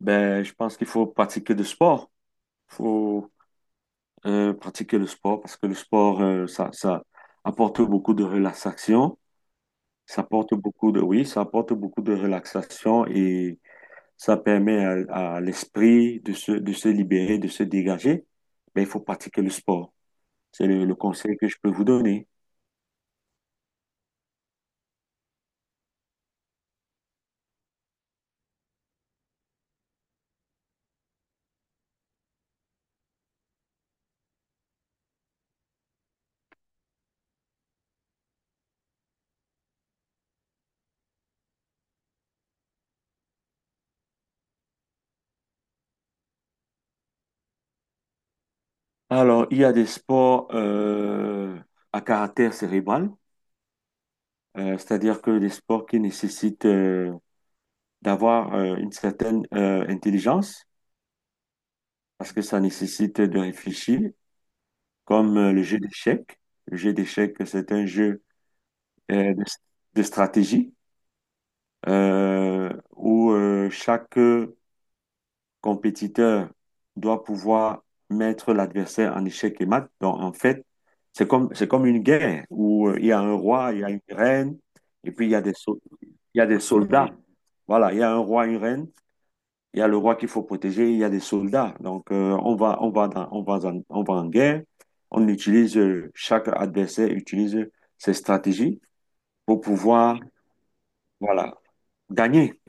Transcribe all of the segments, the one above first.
Ben, je pense qu'il faut pratiquer du sport. Il faut pratiquer le sport parce que le sport, ça apporte beaucoup de relaxation. Ça apporte beaucoup de, oui, ça apporte beaucoup de relaxation et ça permet à l'esprit de se libérer, de se dégager. Ben, il faut pratiquer le sport. C'est le conseil que je peux vous donner. Alors, il y a des sports à caractère cérébral, c'est-à-dire que des sports qui nécessitent d'avoir une certaine intelligence, parce que ça nécessite de réfléchir, comme le jeu d'échecs. Le jeu d'échecs, c'est un jeu euh, de, de stratégie où chaque compétiteur doit pouvoir mettre l'adversaire en échec et mat. Donc, en fait, c'est comme une guerre où il y a un roi, il y a une reine, et puis il y a des soldats. Voilà, il y a un roi, une reine, il y a le roi qu'il faut protéger, il y a des soldats. Donc, on va en guerre. On utilise, chaque adversaire utilise ses stratégies pour pouvoir, voilà, gagner.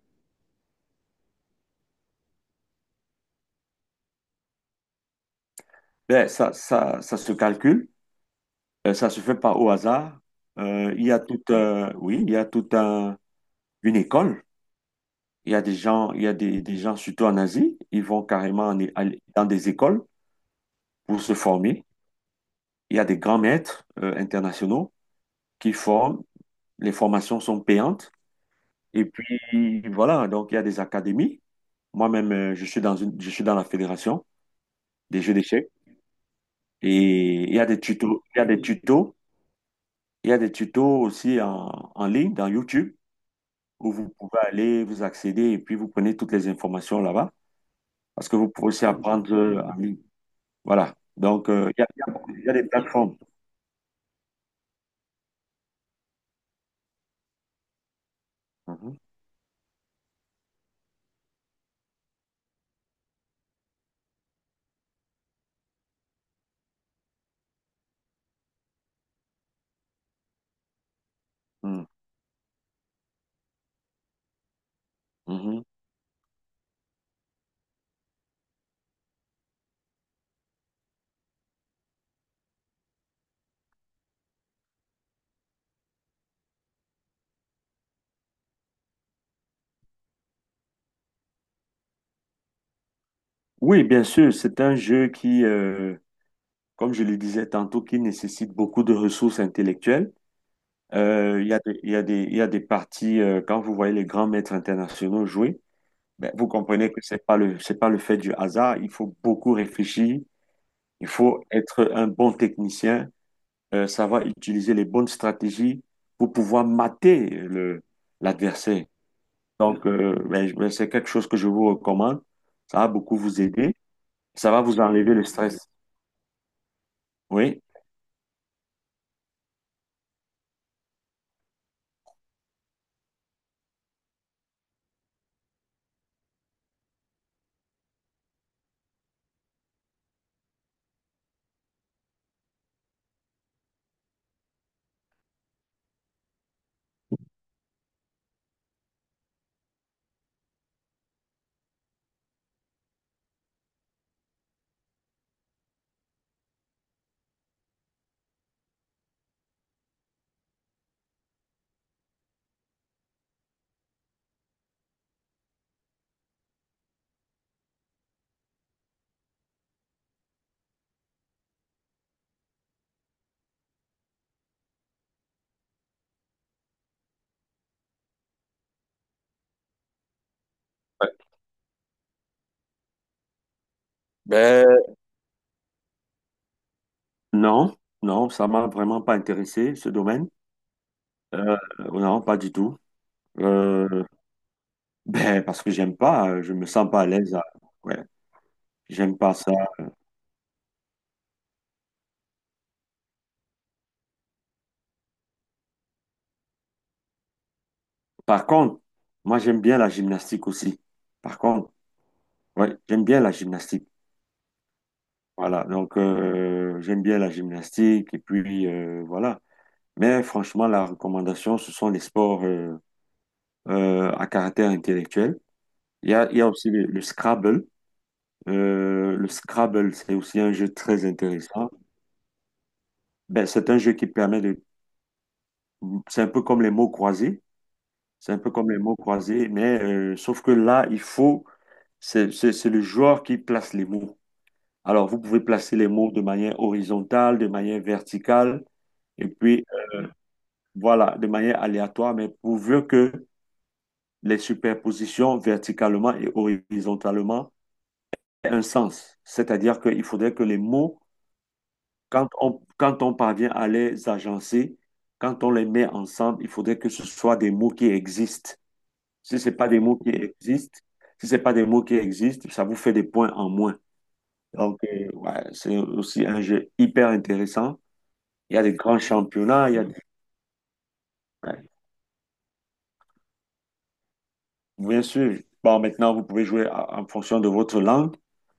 Ben, ça se calcule, ça se fait pas au hasard. Il y a toute, Oui, il y a toute un- une école. Il y a des gens, il y a des gens, surtout en Asie, ils vont carrément aller dans des écoles pour se former. Il y a des grands maîtres, internationaux qui forment. Les formations sont payantes. Et puis, voilà, donc il y a des académies. Moi-même, je suis dans la fédération des jeux d'échecs. Et il y a des tutos, il y a des tutos, il y a des tutos aussi en ligne, dans YouTube, où vous pouvez aller, vous accéder, et puis vous prenez toutes les informations là-bas, parce que vous pouvez aussi apprendre en ligne. Voilà. Donc, il y a des plateformes. Mhm. Mhm. Mhm. Oui, bien sûr, c'est un jeu qui, comme je le disais tantôt, qui nécessite beaucoup de ressources intellectuelles. Il y a des parties, quand vous voyez les grands maîtres internationaux jouer, ben, vous comprenez que c'est pas le fait du hasard. Il faut beaucoup réfléchir. Il faut être un bon technicien, savoir utiliser les bonnes stratégies pour pouvoir mater l'adversaire. Donc, ben, ben, c'est quelque chose que je vous recommande. Ça va beaucoup vous aider. Ça va vous enlever le stress. Oui. Ouais. Ben, non, non, ça m'a vraiment pas intéressé, ce domaine. Non, pas du tout. Euh, ben, parce que j'aime pas, je me sens pas à l'aise. Ouais, j'aime pas ça. Par contre, moi, j'aime bien la gymnastique aussi. Par contre, ouais, j'aime bien la gymnastique. Voilà, donc j'aime bien la gymnastique et puis voilà. Mais franchement, la recommandation, ce sont les sports à caractère intellectuel. Il y a aussi le Scrabble. Le Scrabble, c'est aussi un jeu très intéressant. Ben, c'est un jeu qui permet de. C'est un peu comme les mots croisés. C'est un peu comme les mots croisés, mais sauf que là, c'est le joueur qui place les mots. Alors, vous pouvez placer les mots de manière horizontale, de manière verticale, et puis voilà, de manière aléatoire, mais pourvu que les superpositions verticalement et horizontalement aient un sens. C'est-à-dire qu'il faudrait que les mots, quand on parvient à les agencer, quand on les met ensemble, il faudrait que ce soit des mots qui existent. Si ce n'est pas des mots qui existent, Si ce n'est pas des mots qui existent, ça vous fait des points en moins. Donc, ouais, c'est aussi un jeu hyper intéressant. Il y a des grands championnats, il y a des- ouais. Bien sûr. Bon, maintenant, vous pouvez jouer en fonction de votre langue.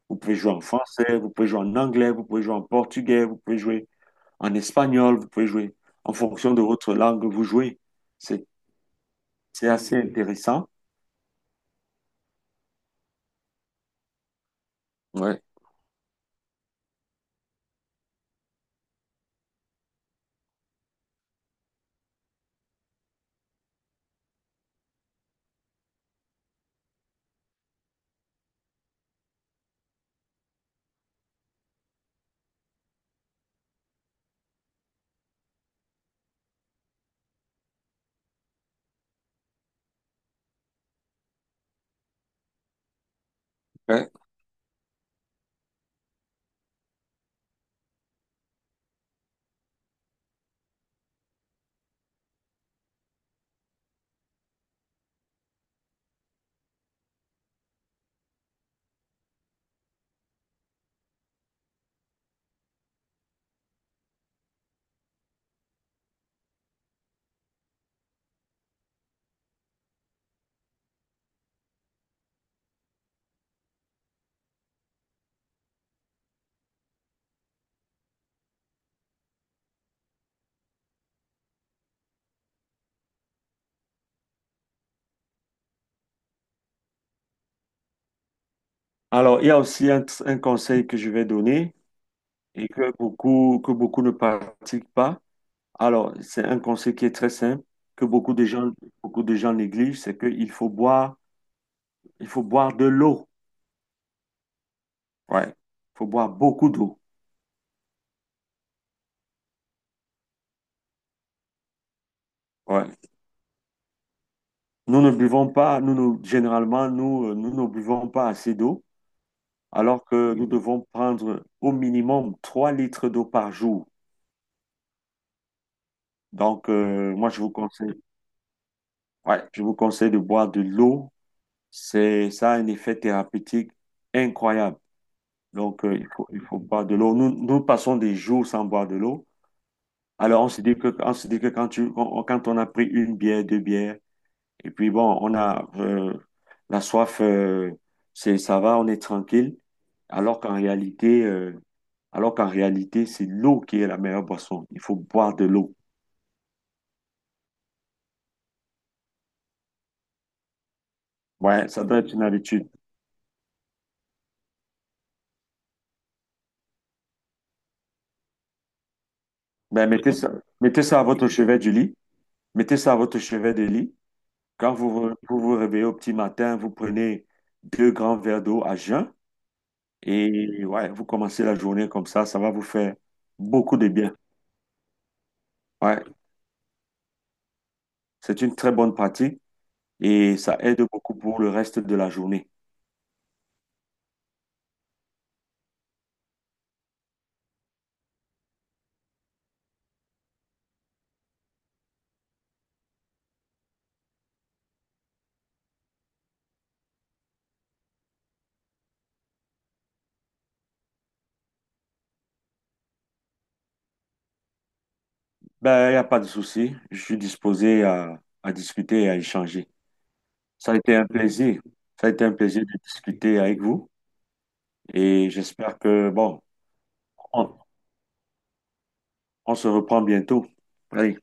Vous pouvez jouer en français, vous pouvez jouer en anglais, vous pouvez jouer en portugais, vous pouvez jouer en espagnol, vous pouvez jouer en fonction de votre langue, vous jouez. C'est, c'est assez intéressant. Ouais. Ouais. Alors, il y a aussi un conseil que je vais donner, et que beaucoup ne pratiquent pas. Alors, c'est un conseil qui est très simple, que beaucoup de gens négligent, c'est qu'il faut boire de l'eau. Ouais. Il faut boire beaucoup d'eau. Ouais. Nous ne buvons pas, nous, nous- Généralement, nous ne buvons pas assez d'eau, alors que nous devons prendre au minimum 3 litres d'eau par jour. Donc, moi, je vous conseille, ouais, je vous conseille de boire de l'eau. Ça a un effet thérapeutique incroyable. Donc, il faut boire de l'eau. Nous passons des jours sans boire de l'eau. Alors, on se dit que quand on a pris une bière, deux bières, et puis bon, on a la soif, ça va, on est tranquille. Alors qu'en réalité, euh, alors qu'en réalité, c'est l'eau qui est la meilleure boisson. Il faut boire de l'eau. Ouais, ça doit être une habitude. Ben, mettez ça à votre chevet du lit. Mettez ça à votre chevet du lit. Quand vous vous réveillez au petit matin, vous prenez deux grands verres d'eau à jeun. Et ouais, vous commencez la journée comme ça va vous faire beaucoup de bien. Ouais, c'est une très bonne pratique et ça aide beaucoup pour le reste de la journée. Ben, il n'y a pas de souci. Je suis disposé à discuter et à échanger. Ça a été un plaisir. Ça a été un plaisir de discuter avec vous et j'espère que, bon, on, on se reprend bientôt. Allez.